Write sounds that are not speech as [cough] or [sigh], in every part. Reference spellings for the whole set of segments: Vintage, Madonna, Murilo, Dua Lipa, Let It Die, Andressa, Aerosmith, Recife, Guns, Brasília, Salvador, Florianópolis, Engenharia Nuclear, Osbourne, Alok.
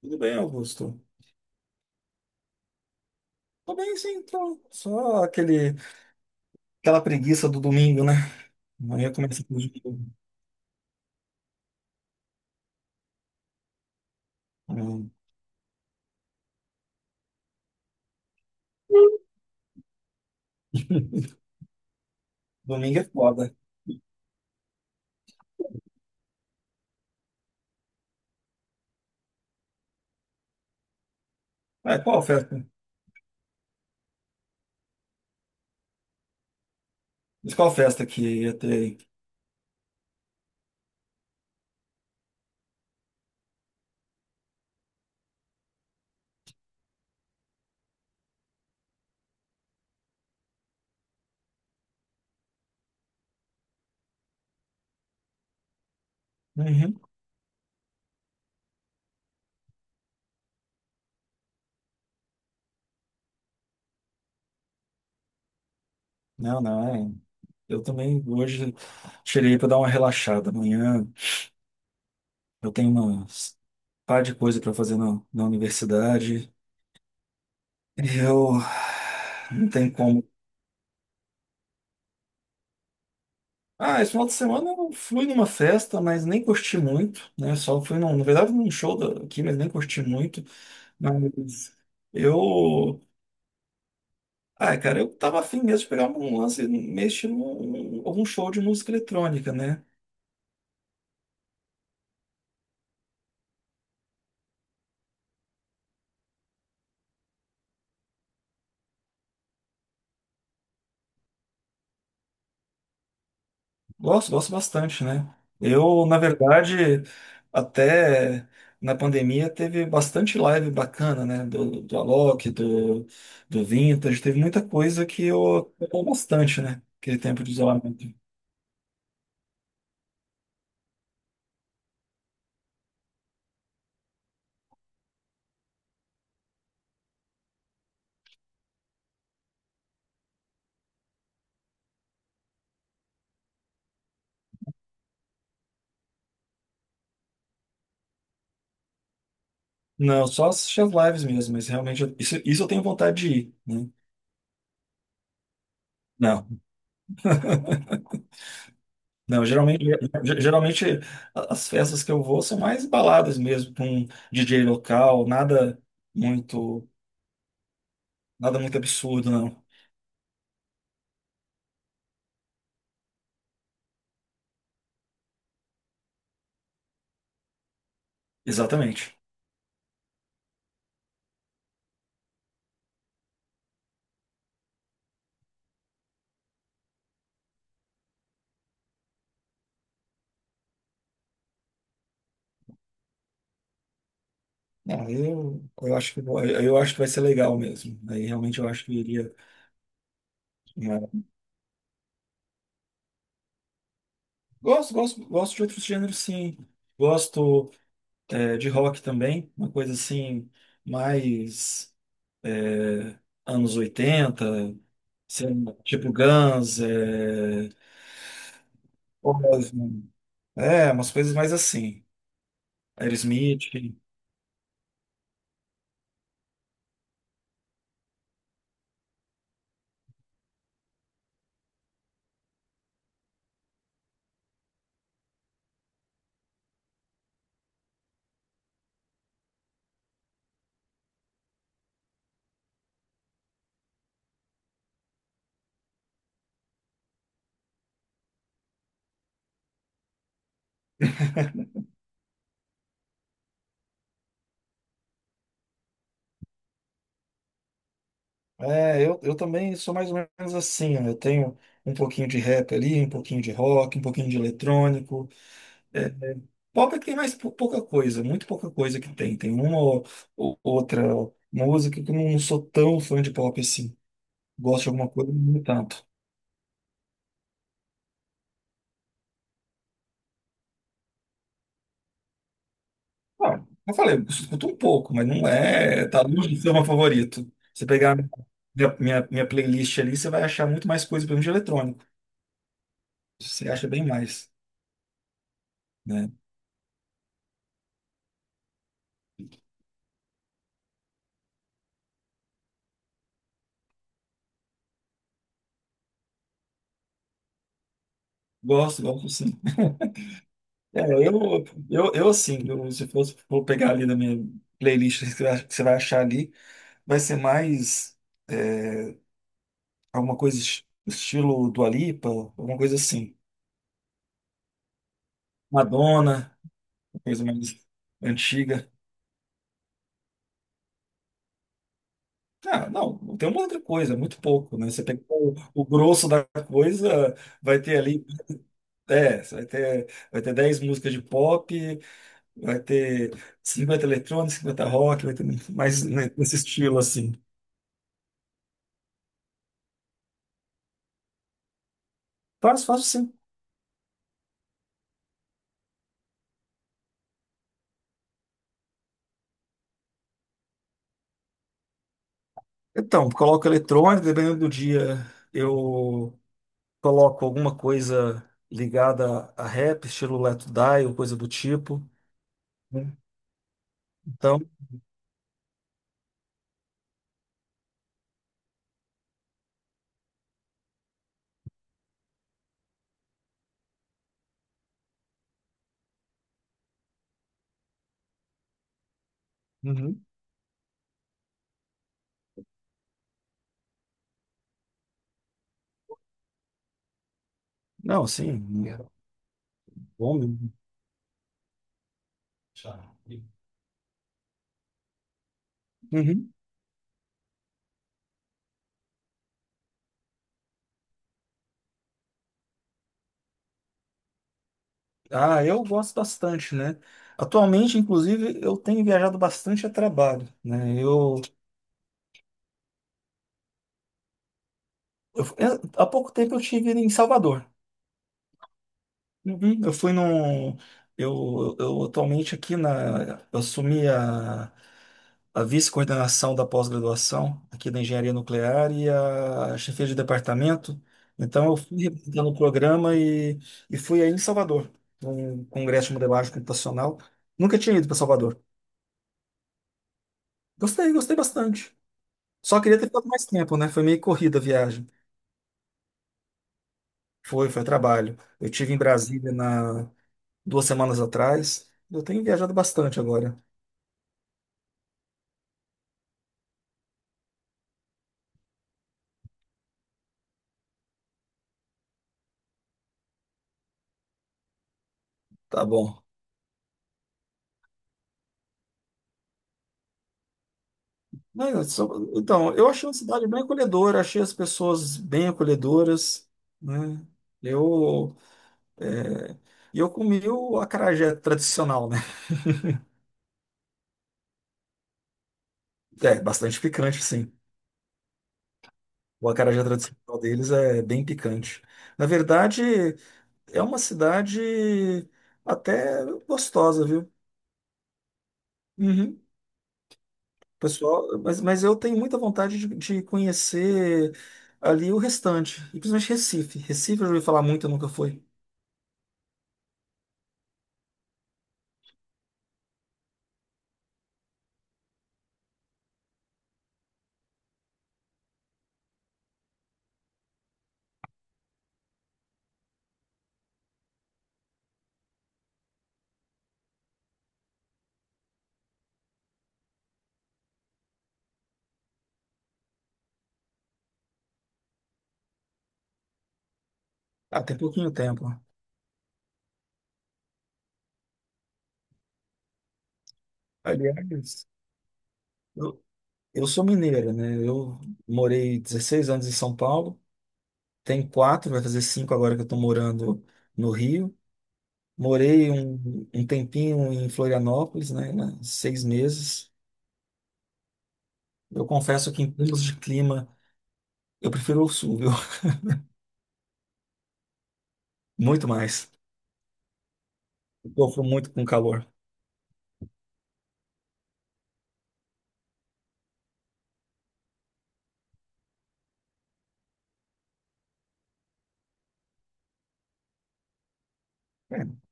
Tudo bem, Augusto? Tô bem, sim, tô. Aquela preguiça do domingo, né? Amanhã começa tudo de novo. Hum. [laughs] Domingo é foda. Ah, qual festa? Mas qual festa que ia ter aí? Uhum. Não, não, é. Eu também hoje tirei para dar uma relaxada. Amanhã eu tenho umas par de coisa para fazer na universidade. E eu não tenho como. Ah, esse final de semana eu fui numa festa, mas nem curti muito, né? Só fui, num, na verdade, num show da- aqui, mas nem curti muito. Mas eu. Ah, cara, eu tava afim mesmo de pegar um lance, mexer num algum show de música eletrônica, né? Gosto, gosto bastante, né? Eu, na verdade, até na pandemia teve bastante live bacana, né? Do Alok, do Vintage, teve muita coisa que eu acompanhei bastante, né? Aquele tempo de isolamento. Não, só assistir as lives mesmo, mas realmente isso, isso eu tenho vontade de ir, né? Não. [laughs] Não, geralmente, ge- Geralmente as festas que eu vou são mais baladas mesmo, com DJ local, muito, nada muito absurdo, não. Exatamente. Não, eu acho que vou- eu acho que vai ser legal mesmo. Aí realmente eu acho que eu iria, né? Gosto, gosto de outros gêneros, sim. Gosto, é, de rock também, uma coisa assim mais, é, anos oitenta, sei lá, tipo Guns, é, Osbourne, é, umas coisas mais assim. Aerosmith. É, eu também sou mais ou menos assim. Ó, eu tenho um pouquinho de rap ali, um pouquinho de rock, um pouquinho de eletrônico. É, é, Pop é que tem pouca coisa, muito pouca coisa que tem. Tem uma ou outra música que eu não sou tão fã de pop assim. Gosto de alguma coisa, mas não tanto. Ah, eu falei, eu escuto um pouco, mas não é. Tá longe de ser o meu favorito. Você pegar minha playlist ali, você vai achar muito mais coisa, pelo menos de eletrônico. Você acha bem mais, né? Gosto, gosto sim. É, eu, eu assim, eu, se fosse for pegar ali na minha playlist, que você vai achar ali, vai ser mais, é, alguma coisa estilo Dua Lipa, alguma coisa assim. Madonna, coisa mais antiga. Ah, não, não tem uma outra coisa, é muito pouco, né? Você pegar o grosso da coisa, vai ter ali, é, vai ter 10 músicas de pop, vai ter 50 eletrônicos, 50 rock, vai ter mais nesse estilo assim. Faz, faço sim. Então, coloco eletrônico, dependendo do dia, eu coloco alguma coisa ligada a rap, estilo Let It Die ou coisa do tipo, né? Então, uhum. Não, sim, bom mesmo. Uhum. Ah, eu gosto bastante, né? Atualmente, inclusive, eu tenho viajado bastante a trabalho, né? Há pouco tempo eu estive em Salvador. Uhum. Eu atualmente aqui na, eu assumi a vice-coordenação da pós-graduação aqui da Engenharia Nuclear e a chefia de departamento. Então, eu fui representando o programa e fui aí em Salvador, num congresso de modelagem computacional. Nunca tinha ido para Salvador. Gostei, gostei bastante. Só queria ter ficado mais tempo, né? Foi meio corrida a viagem. Foi, foi trabalho. Eu tive em Brasília na duas semanas atrás. Eu tenho viajado bastante agora. Tá bom. Então, eu achei uma cidade bem acolhedora, achei as pessoas bem acolhedoras, né? Eu, é, e eu comi o acarajé tradicional, né? É, bastante picante, sim. O acarajé tradicional deles é bem picante. Na verdade, é uma cidade até gostosa, viu? Uhum. Pessoal, mas eu tenho muita vontade de conhecer ali o restante, e principalmente Recife. Recife eu já ouvi falar muito, eu nunca fui. Até pouquinho tempo. Aliás, eu, eu sou mineira, né? Eu morei 16 anos em São Paulo, tem quatro, vai fazer cinco agora que eu estou morando no Rio. Morei um tempinho em Florianópolis, né? Né, 6 meses. Eu confesso que em termos de clima, eu prefiro o sul, viu? [laughs] Muito mais. Eu sofro muito com calor. É.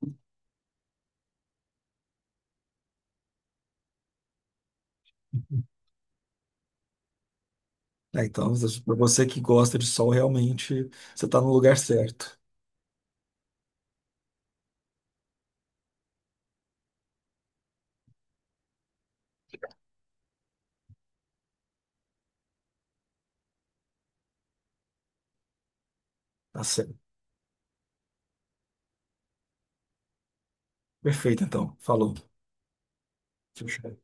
É, então, para você que gosta de sol, realmente você está no lugar certo. Tá certo. Perfeito, então. Falou. Tchau, tchau.